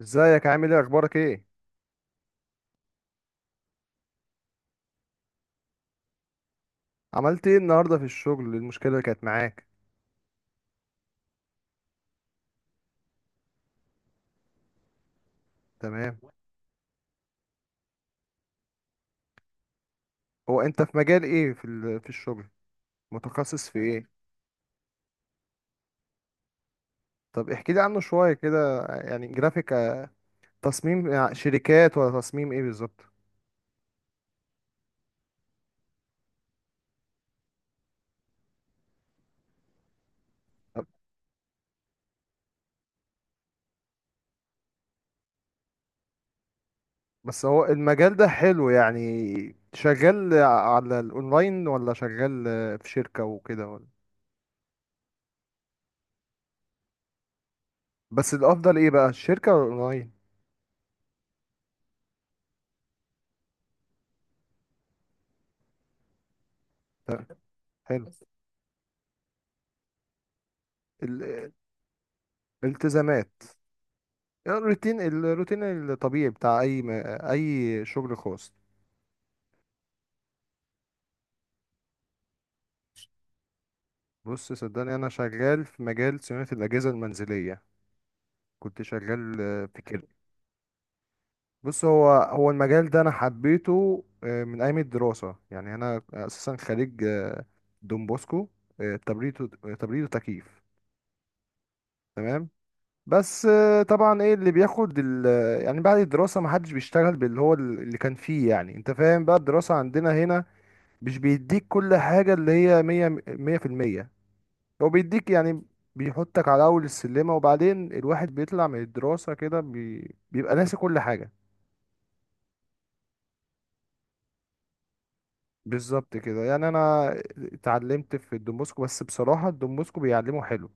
ازيك؟ عامل ايه؟ اخبارك ايه؟ عملت ايه النهارده في الشغل؟ إيه المشكله اللي كانت معاك؟ تمام. هو انت في مجال ايه، في الشغل؟ متخصص في ايه؟ طب احكي لي عنه شويه كده، يعني جرافيك، تصميم شركات ولا تصميم ايه بالظبط؟ طب. بس هو المجال ده حلو؟ يعني شغال على الاونلاين ولا شغال في شركه وكده، ولا؟ بس الافضل ايه بقى، الشركه ولا الاونلاين؟ طب. حلو. ال- الالتزامات. الروتين الطبيعي بتاع اي شغل خاص. بص صدقني، انا شغال في مجال صيانه الاجهزه المنزليه. كنت شغال في كده. بص، هو المجال ده انا حبيته من ايام الدراسه، يعني انا اساسا خريج دون بوسكو، تبريد وتكييف. تمام. بس طبعا ايه اللي بياخد يعني بعد الدراسه ما حدش بيشتغل باللي هو اللي كان فيه. يعني انت فاهم بقى، الدراسه عندنا هنا مش بيديك كل حاجه اللي هي 100، 100%. هو بيديك يعني، بيحطك على اول السلمة، وبعدين الواحد بيطلع من الدراسة كده بيبقى ناسي كل حاجة. بالظبط كده، يعني انا اتعلمت في الدومبوسكو، بس بصراحة الدومبوسكو بيعلمه حلو،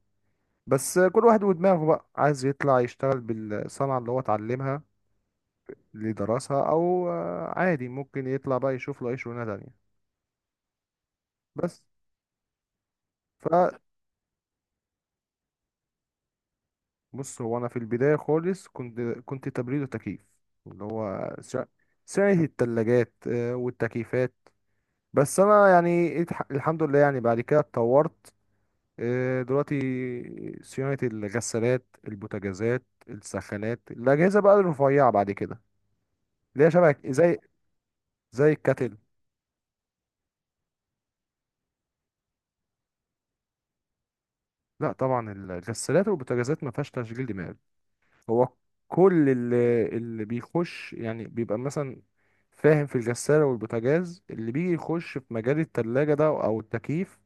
بس كل واحد ودماغه بقى عايز يطلع يشتغل بالصنعة اللي هو اتعلمها، اللي درسها، او عادي ممكن يطلع بقى يشوف له اي شغلانة تانية. بس. فبص، هو انا في البداية خالص كنت تبريد وتكييف، اللي هو سعر التلاجات والتكييفات. بس انا يعني الحمد لله، يعني بعد كده اتطورت. دلوقتي صيانة الغسالات، البوتاجازات، السخانات، الأجهزة بقى الرفيعة بعد كده، اللي هي شبه زي الكاتل. لا طبعا، الغسالات والبوتاجازات ما فيهاش تشغيل دماغ. هو كل اللي بيخش يعني بيبقى مثلا فاهم في الغسالة والبوتاجاز، اللي بيجي يخش في مجال التلاجة ده أو التكييف،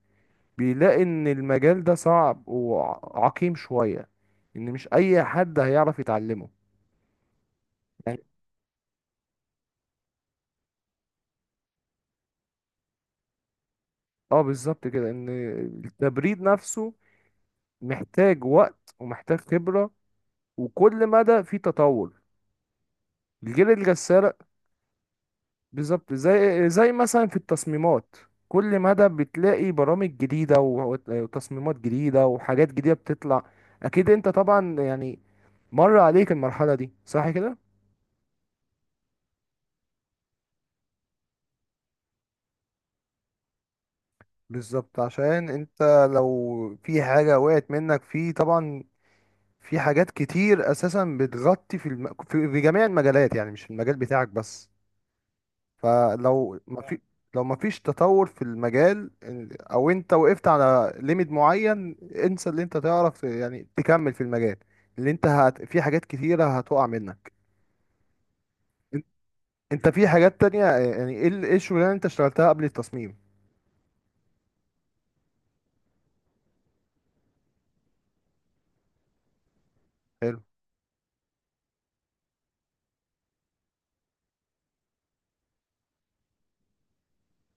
بيلاقي ان المجال ده صعب وعقيم شوية، ان مش اي حد هيعرف يتعلمه يعني. اه بالظبط كده، ان التبريد نفسه محتاج وقت ومحتاج خبرة، وكل مدى في تطور الجيل الجسار. بالظبط، زي مثلا في التصميمات، كل مدى بتلاقي برامج جديدة و- وتصميمات جديدة وحاجات جديدة بتطلع. اكيد انت طبعا يعني مر عليك المرحلة دي، صح كده؟ بالظبط، عشان انت لو في حاجة وقعت منك، في طبعا في حاجات كتير اساسا بتغطي في جميع المجالات، يعني مش المجال بتاعك بس. فلو ما في لو ما فيش تطور في المجال، او انت وقفت على ليميت معين، انسى اللي انت تعرف، يعني تكمل في المجال اللي انت في حاجات كتيرة هتقع منك. ان- انت في حاجات تانية، يعني ايه الشغلانة اللي انت اشتغلتها قبل التصميم؟ حلو.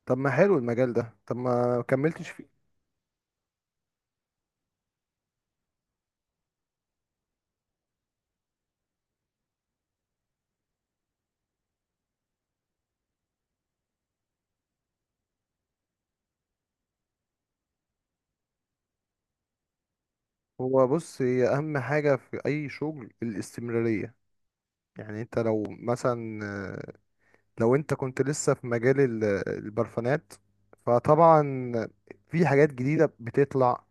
طب ما حلو المجال ده، طب ما كملتش؟ هو بص، هي اهم حاجة في اي شغل الاستمرارية. يعني انت لو مثلا لو انت كنت لسه في مجال البرفانات، فطبعا في حاجات جديدة بتطلع،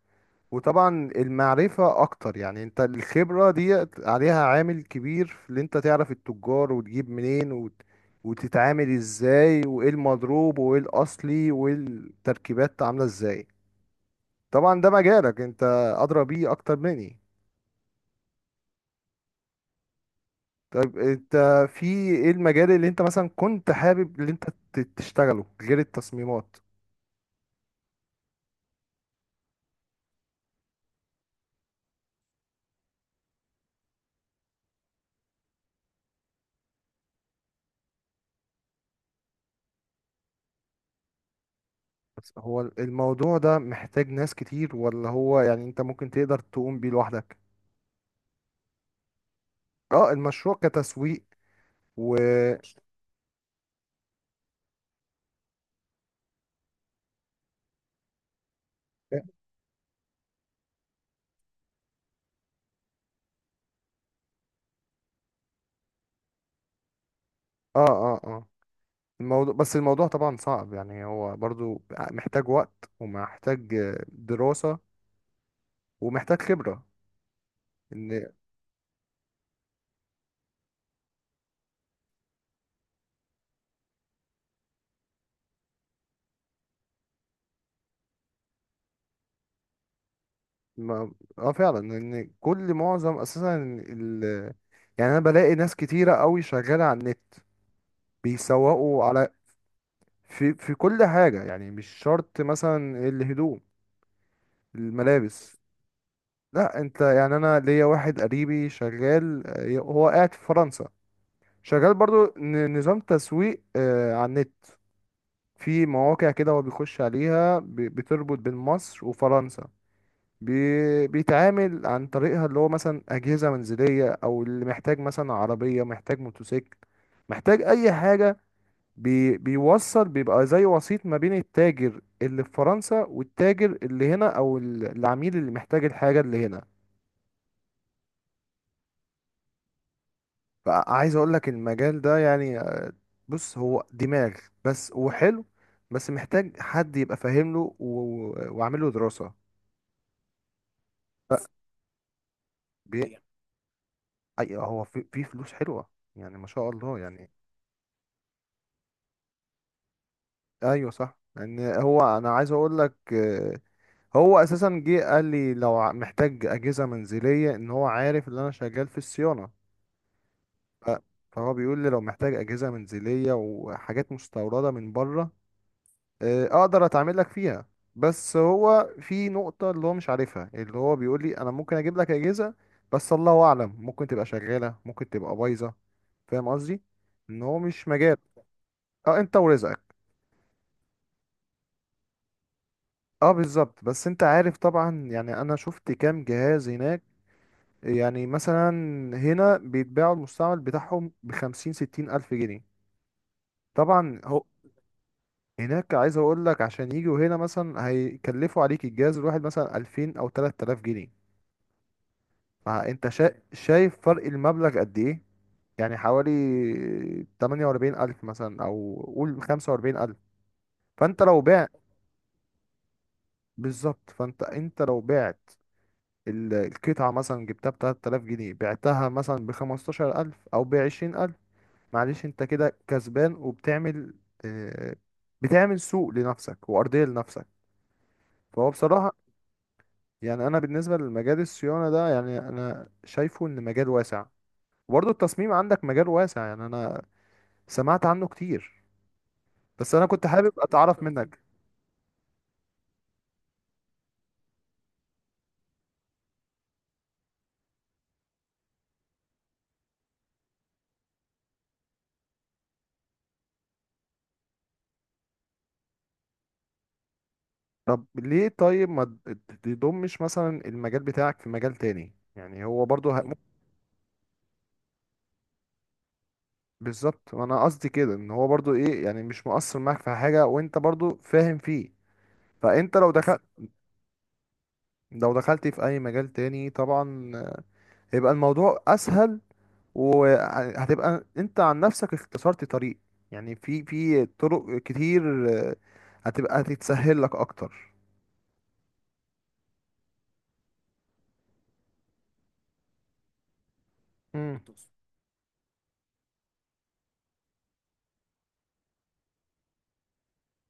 وطبعا المعرفة اكتر. يعني انت الخبرة دي عليها عامل كبير في اللي انت تعرف التجار، وتجيب منين، وتتعامل ازاي، وايه المضروب، وايه الاصلي، والتركيبات عاملة ازاي. طبعا ده مجالك انت، ادرى بيه اكتر مني. طيب انت في ايه المجال اللي انت مثلا كنت حابب اللي انت تشتغله غير التصميمات؟ بس هو الموضوع ده محتاج ناس كتير، ولا هو يعني انت ممكن تقدر تقوم بيه لوحدك؟ اه المشروع كتسويق، و اه، اه، اه. الموضوع، بس الموضوع طبعا صعب يعني، هو برضو محتاج وقت ومحتاج دراسة ومحتاج خبرة. ان ما... اه فعلا، ان كل معظم اساسا ال... يعني انا بلاقي ناس كتيرة قوي شغالة على النت بيسوقوا على، في كل حاجة، يعني مش شرط مثلا الهدوم، الملابس. لا انت، يعني انا ليا واحد قريبي شغال هو قاعد في فرنسا، شغال برضو نظام تسويق على النت، في مواقع كده هو بيخش عليها بتربط بين مصر وفرنسا، بيتعامل عن طريقها اللي هو مثلا أجهزة منزلية، أو اللي محتاج مثلا عربية، محتاج موتوسيكل، محتاج أي حاجة. بيوصل، بيبقى زي وسيط ما بين التاجر اللي في فرنسا والتاجر اللي هنا، او العميل اللي محتاج الحاجة اللي هنا. فعايز اقول لك المجال ده يعني بص هو دماغ بس، وحلو، بس محتاج حد يبقى فاهم له وعامل له دراسة. ف- بي... أيوة. أي هو في فلوس حلوة، يعني ما شاء الله يعني. ايوه صح، ان هو انا عايز اقول لك، هو اساسا جه قال لي لو محتاج اجهزة منزلية، ان هو عارف ان انا شغال في الصيانة. ف- فهو بيقول لي لو محتاج أجهزة منزلية وحاجات مستوردة من بره، أقدر أتعامل لك فيها. بس هو في نقطة اللي هو مش عارفها، اللي هو بيقول لي أنا ممكن أجيب لك أجهزة، بس الله أعلم ممكن تبقى شغالة ممكن تبقى بايظة. فاهم قصدي؟ إن هو مش مجال. أه، أنت ورزقك. أه بالظبط، بس أنت عارف طبعا، يعني أنا شفت كام جهاز هناك، يعني مثلا هنا بيتباعوا المستعمل بتاعهم بخمسين ستين ألف جنيه. طبعا هو هناك، عايز اقول لك عشان يجوا هنا مثلا هيكلفوا عليك الجهاز الواحد مثلا 2000 او 3000 جنيه. فانت شايف فرق المبلغ قد ايه، يعني حوالي 48000 مثلا او قول 45000. فانت لو بعت. بالظبط، فانت لو بعت القطعة مثلا جبتها ب 3000 جنيه، بعتها مثلا ب 15000 او ب 20000. معلش انت كده كسبان وبتعمل آه، بتعمل سوق لنفسك وارضية لنفسك. فهو بصراحة، يعني انا بالنسبه لمجال الصيانه ده، يعني انا شايفه ان مجال واسع، وبرضه التصميم عندك مجال واسع، يعني انا سمعت عنه كتير، بس انا كنت حابب اتعرف منك. طب ليه؟ طيب ما تضمش مثلا المجال بتاعك في مجال تاني؟ يعني هو برضه. بالظبط، انا قصدي كده، ان هو برضه ايه، يعني مش مقصر معاك في حاجه، وانت برضه فاهم فيه. فانت لو دخلت في اي مجال تاني، طبعا هيبقى الموضوع اسهل، وهتبقى انت عن نفسك اختصرت طريق. يعني في طرق كتير هتتسهل لك اكتر. مم.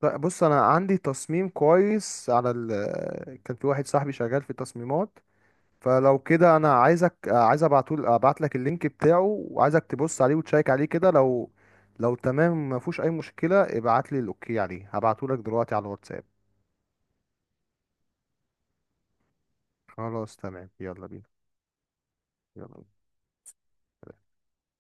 لا، بص انا عندي تصميم كويس على كان في واحد صاحبي شغال في التصميمات، فلو كده انا عايز ابعت لك اللينك بتاعه، وعايزك تبص عليه وتشيك عليه كده، لو تمام ما فيهوش اي مشكلة، ابعت لي الاوكي عليه هبعته لك دلوقتي على الواتساب. خلاص تمام، يلا بينا. يلا بينا.